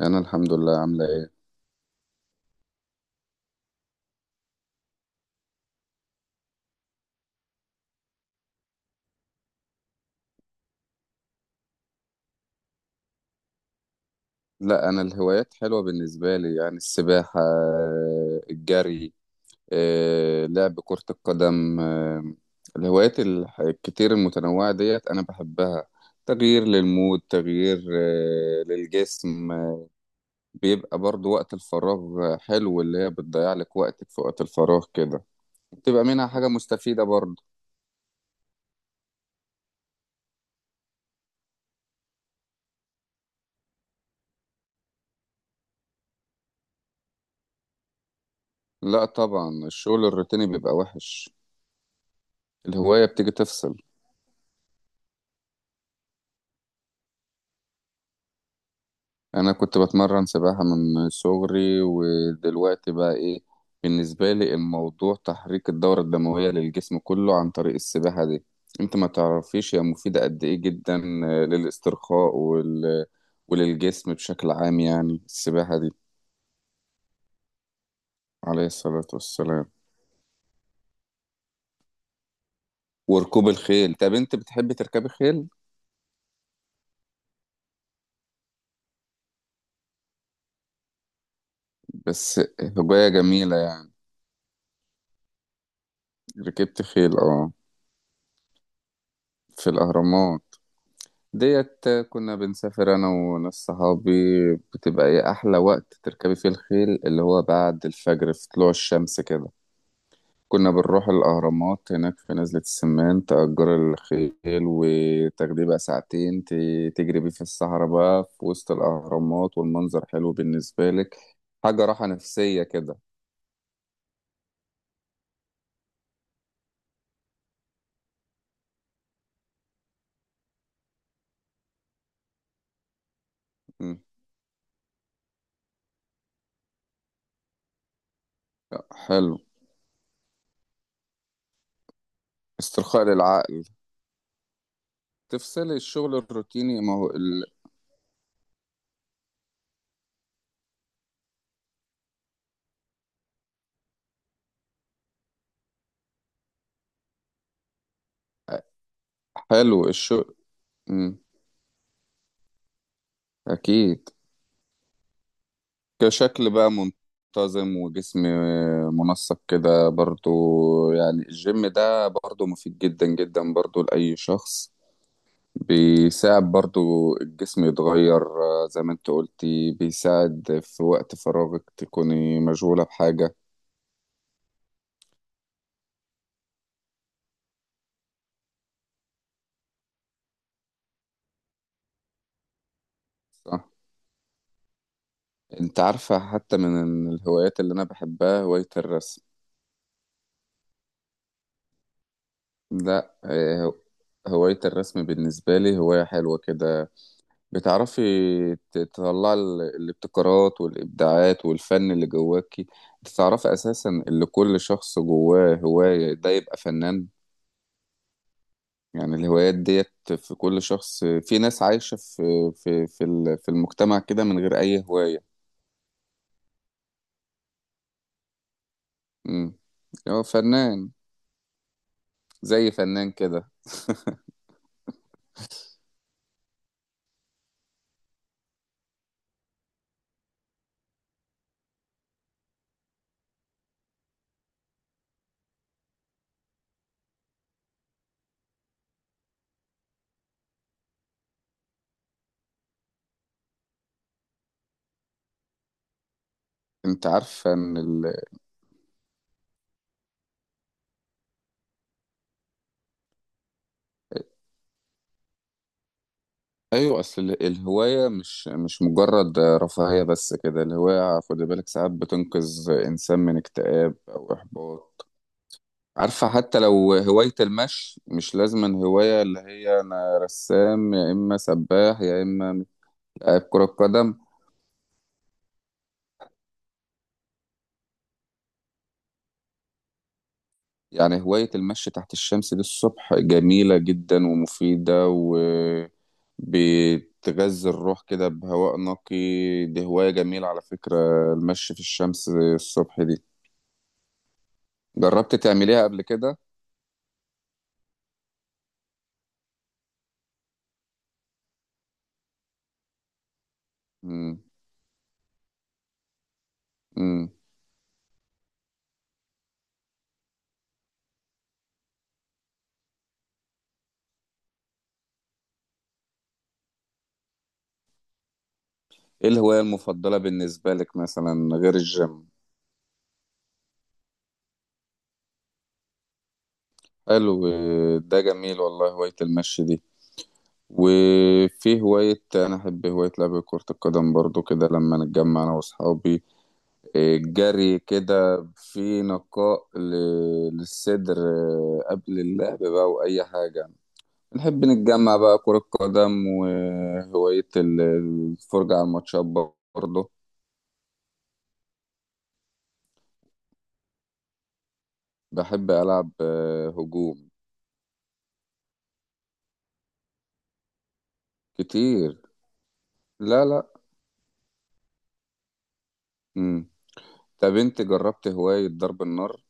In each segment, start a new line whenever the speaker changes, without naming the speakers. انا الحمد لله. عامله ايه؟ لا، انا الهوايات حلوه بالنسبه لي، يعني السباحه، الجري، لعب كره القدم. الهوايات الكتير المتنوعه ديت انا بحبها. تغيير للمود، تغيير للجسم. بيبقى برضو وقت الفراغ حلو، اللي هي بتضيع لك وقتك في وقت الفراغ كده، بتبقى منها حاجه مستفيده برضو. لا طبعا، الشغل الروتيني بيبقى وحش. الهوايه بتيجي تفصل. انا كنت بتمرن سباحة من صغري، ودلوقتي بقى ايه، بالنسبة لي الموضوع تحريك الدورة الدموية للجسم كله عن طريق السباحة دي. انت ما تعرفيش هي مفيدة قد ايه، جدا للاسترخاء وللجسم بشكل عام، يعني السباحة دي. عليه الصلاة والسلام. وركوب الخيل. طب انت بتحبي تركبي خيل؟ بس هواية جميلة يعني. ركبت خيل، اه. في الاهرامات، ديت كنا بنسافر انا وناس صحابي. بتبقى ايه احلى وقت تركبي فيه الخيل؟ اللي هو بعد الفجر، في طلوع الشمس كده. كنا بنروح الاهرامات هناك في نزلة السمان، تأجر الخيل وتاخديه بقى ساعتين، تجري بيه في الصحراء بقى في وسط الاهرامات، والمنظر حلو بالنسبة لك. حاجة راحة نفسية كده. مم. حلو. استرخاء للعقل. تفصلي الشغل الروتيني، ما هو حلو الشغل. مم. اكيد. كشكل بقى منتظم، وجسم منسق كده برضو. يعني الجيم ده برضو مفيد جدا جدا برضو لأي شخص، بيساعد برضو الجسم يتغير، زي ما انت قلتي بيساعد في وقت فراغك تكوني مشغولة بحاجة. صح. انت عارفة، حتى من الهوايات اللي انا بحبها هواية الرسم. لا، هواية الرسم بالنسبة لي هواية حلوة كده. بتعرفي تطلعي الابتكارات والإبداعات والفن اللي جواكي. انت تعرفي أساسا اللي كل شخص جواه هواية ده يبقى فنان. يعني الهوايات ديت في كل شخص. في ناس عايشة في في المجتمع كده من غير أي هواية. امم هو فنان. زي فنان كده. انت عارفة ان ايوه، اصل الهواية مش مجرد رفاهية بس كده. الهواية، خد بالك، ساعات بتنقذ انسان من اكتئاب او احباط. عارفة، حتى لو هواية المشي. مش لازم هواية اللي هي أنا رسام، يا إما سباح، يا إما لاعب كرة قدم. يعني هواية المشي تحت الشمس دي الصبح جميلة جدا ومفيدة، وبتغذي الروح كده بهواء نقي. دي هواية جميلة على فكرة، المشي في الشمس الصبح دي. جربت تعمليها قبل كده؟ مم. مم. إيه الهواية المفضلة بالنسبة لك مثلا غير الجيم؟ حلو. ده جميل والله، هواية المشي دي. وفي هواية أنا أحب، هواية لعب كرة القدم برضو كده لما نتجمع أنا وأصحابي. إيه، جري كده في نقاء للصدر، إيه، قبل اللعب بقى وأي حاجة. نحب نتجمع بقى كرة قدم. وهواية الفرجة على الماتشات برضو. بحب ألعب هجوم. كتير. لا لا. مم. طب أنت جربت هواية ضرب النار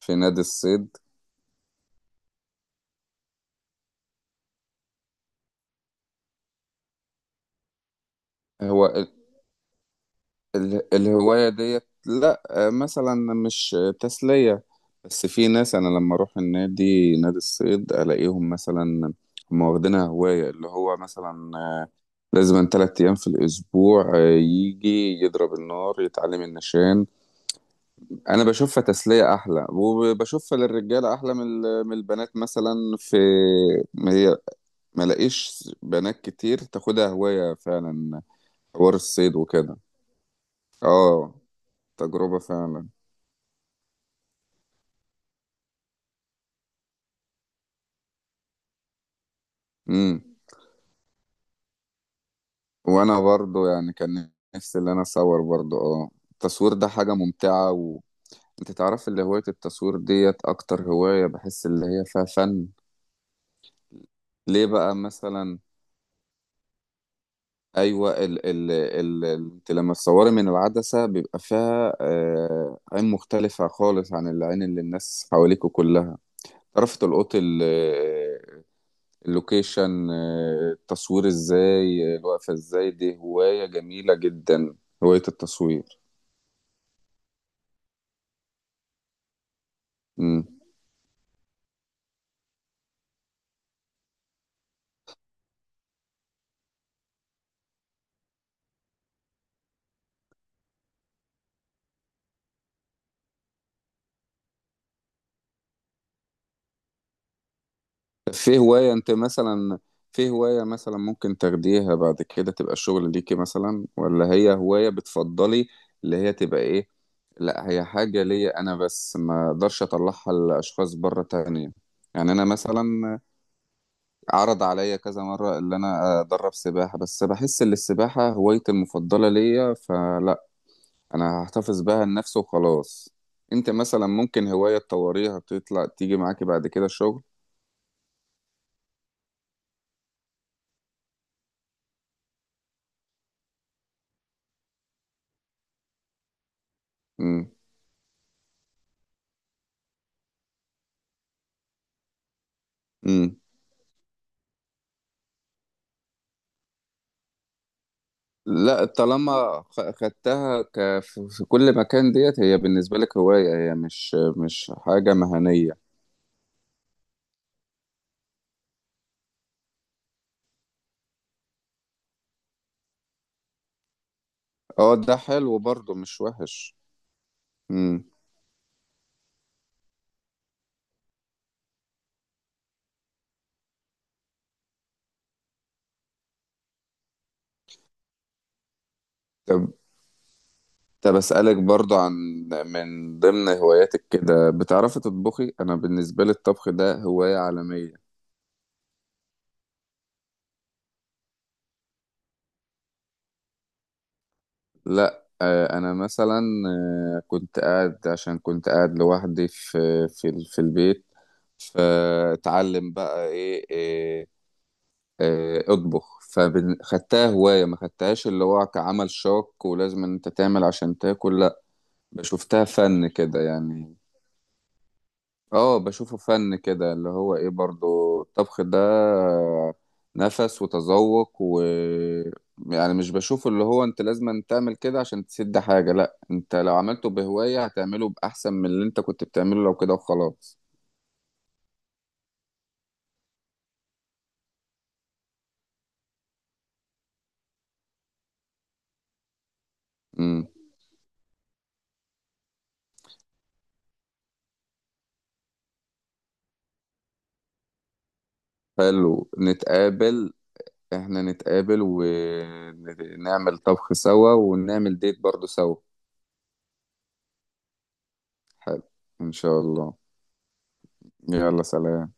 في نادي الصيد؟ هو الهواية ديت لا، مثلا مش تسلية. بس في ناس أنا لما أروح النادي، نادي الصيد، ألاقيهم مثلا هم واخدينها هواية. اللي هو مثلا لازم تلات أيام في الأسبوع يجي يضرب النار، يتعلم النشان. أنا بشوفها تسلية أحلى، وبشوفها للرجالة أحلى من من البنات مثلا. في، ما هي، ما لاقيش بنات كتير تاخدها هواية فعلا. حوار الصيد وكده. اه، تجربة فعلا. مم. وانا برضو يعني كان نفسي اللي انا اصور برضو. اه، التصوير ده حاجة ممتعة. وانت تعرف، اللي هواية التصوير ديت اكتر هواية بحس اللي هي فيها فن. ليه بقى مثلا؟ ايوه، انت لما تصوري من العدسة بيبقى فيها عين مختلفة خالص عن العين اللي الناس حواليكوا كلها. تعرف تلقط اللوكيشن، التصوير ازاي، الوقفة ازاي. دي هواية جميلة جدا، هواية التصوير. مم. في هواية انت مثلا، في هواية مثلا ممكن تاخديها بعد كده تبقى شغل ليكي مثلا؟ ولا هي هواية بتفضلي اللي هي تبقى ايه؟ لا هي حاجة ليا انا بس، ما اقدرش اطلعها لاشخاص بره تانية. يعني انا مثلا عرض عليا كذا مرة اللي انا ادرب سباحة، بس بحس ان السباحة هوايتي المفضلة ليا، فلا، انا هحتفظ بها لنفسي وخلاص. انت مثلا ممكن هواية تطوريها تطلع تيجي معاكي بعد كده شغل؟ امم. لا، طالما خدتها في كل مكان، ديت هي بالنسبة لك هواية، هي مش حاجة مهنية. اه، ده حلو برضو، مش وحش. مم. طب طب أسألك برضو عن، من ضمن هواياتك كده بتعرفي تطبخي؟ أنا بالنسبة لي الطبخ ده هواية عالمية. لا، أنا مثلا كنت قاعد، عشان كنت قاعد لوحدي في البيت. فتعلم بقى ايه، اطبخ، فخدتها هواية، ما خدتهاش اللي هو كعمل شاق ولازم ان انت تعمل عشان تاكل، لا بشوفتها فن كده يعني. اه بشوفه فن كده، اللي هو ايه برضو، الطبخ ده نفس وتذوق يعني مش بشوفه اللي هو انت لازم أن تعمل كده عشان تسد حاجة، لا انت لو عملته بهواية هتعمله بأحسن من اللي انت كنت بتعمله لو كده وخلاص. امم. حلو، نتقابل. احنا نتقابل ونعمل طبخ سوا، ونعمل ديت برضو سوا. حلو، ان شاء الله. يلا سلام.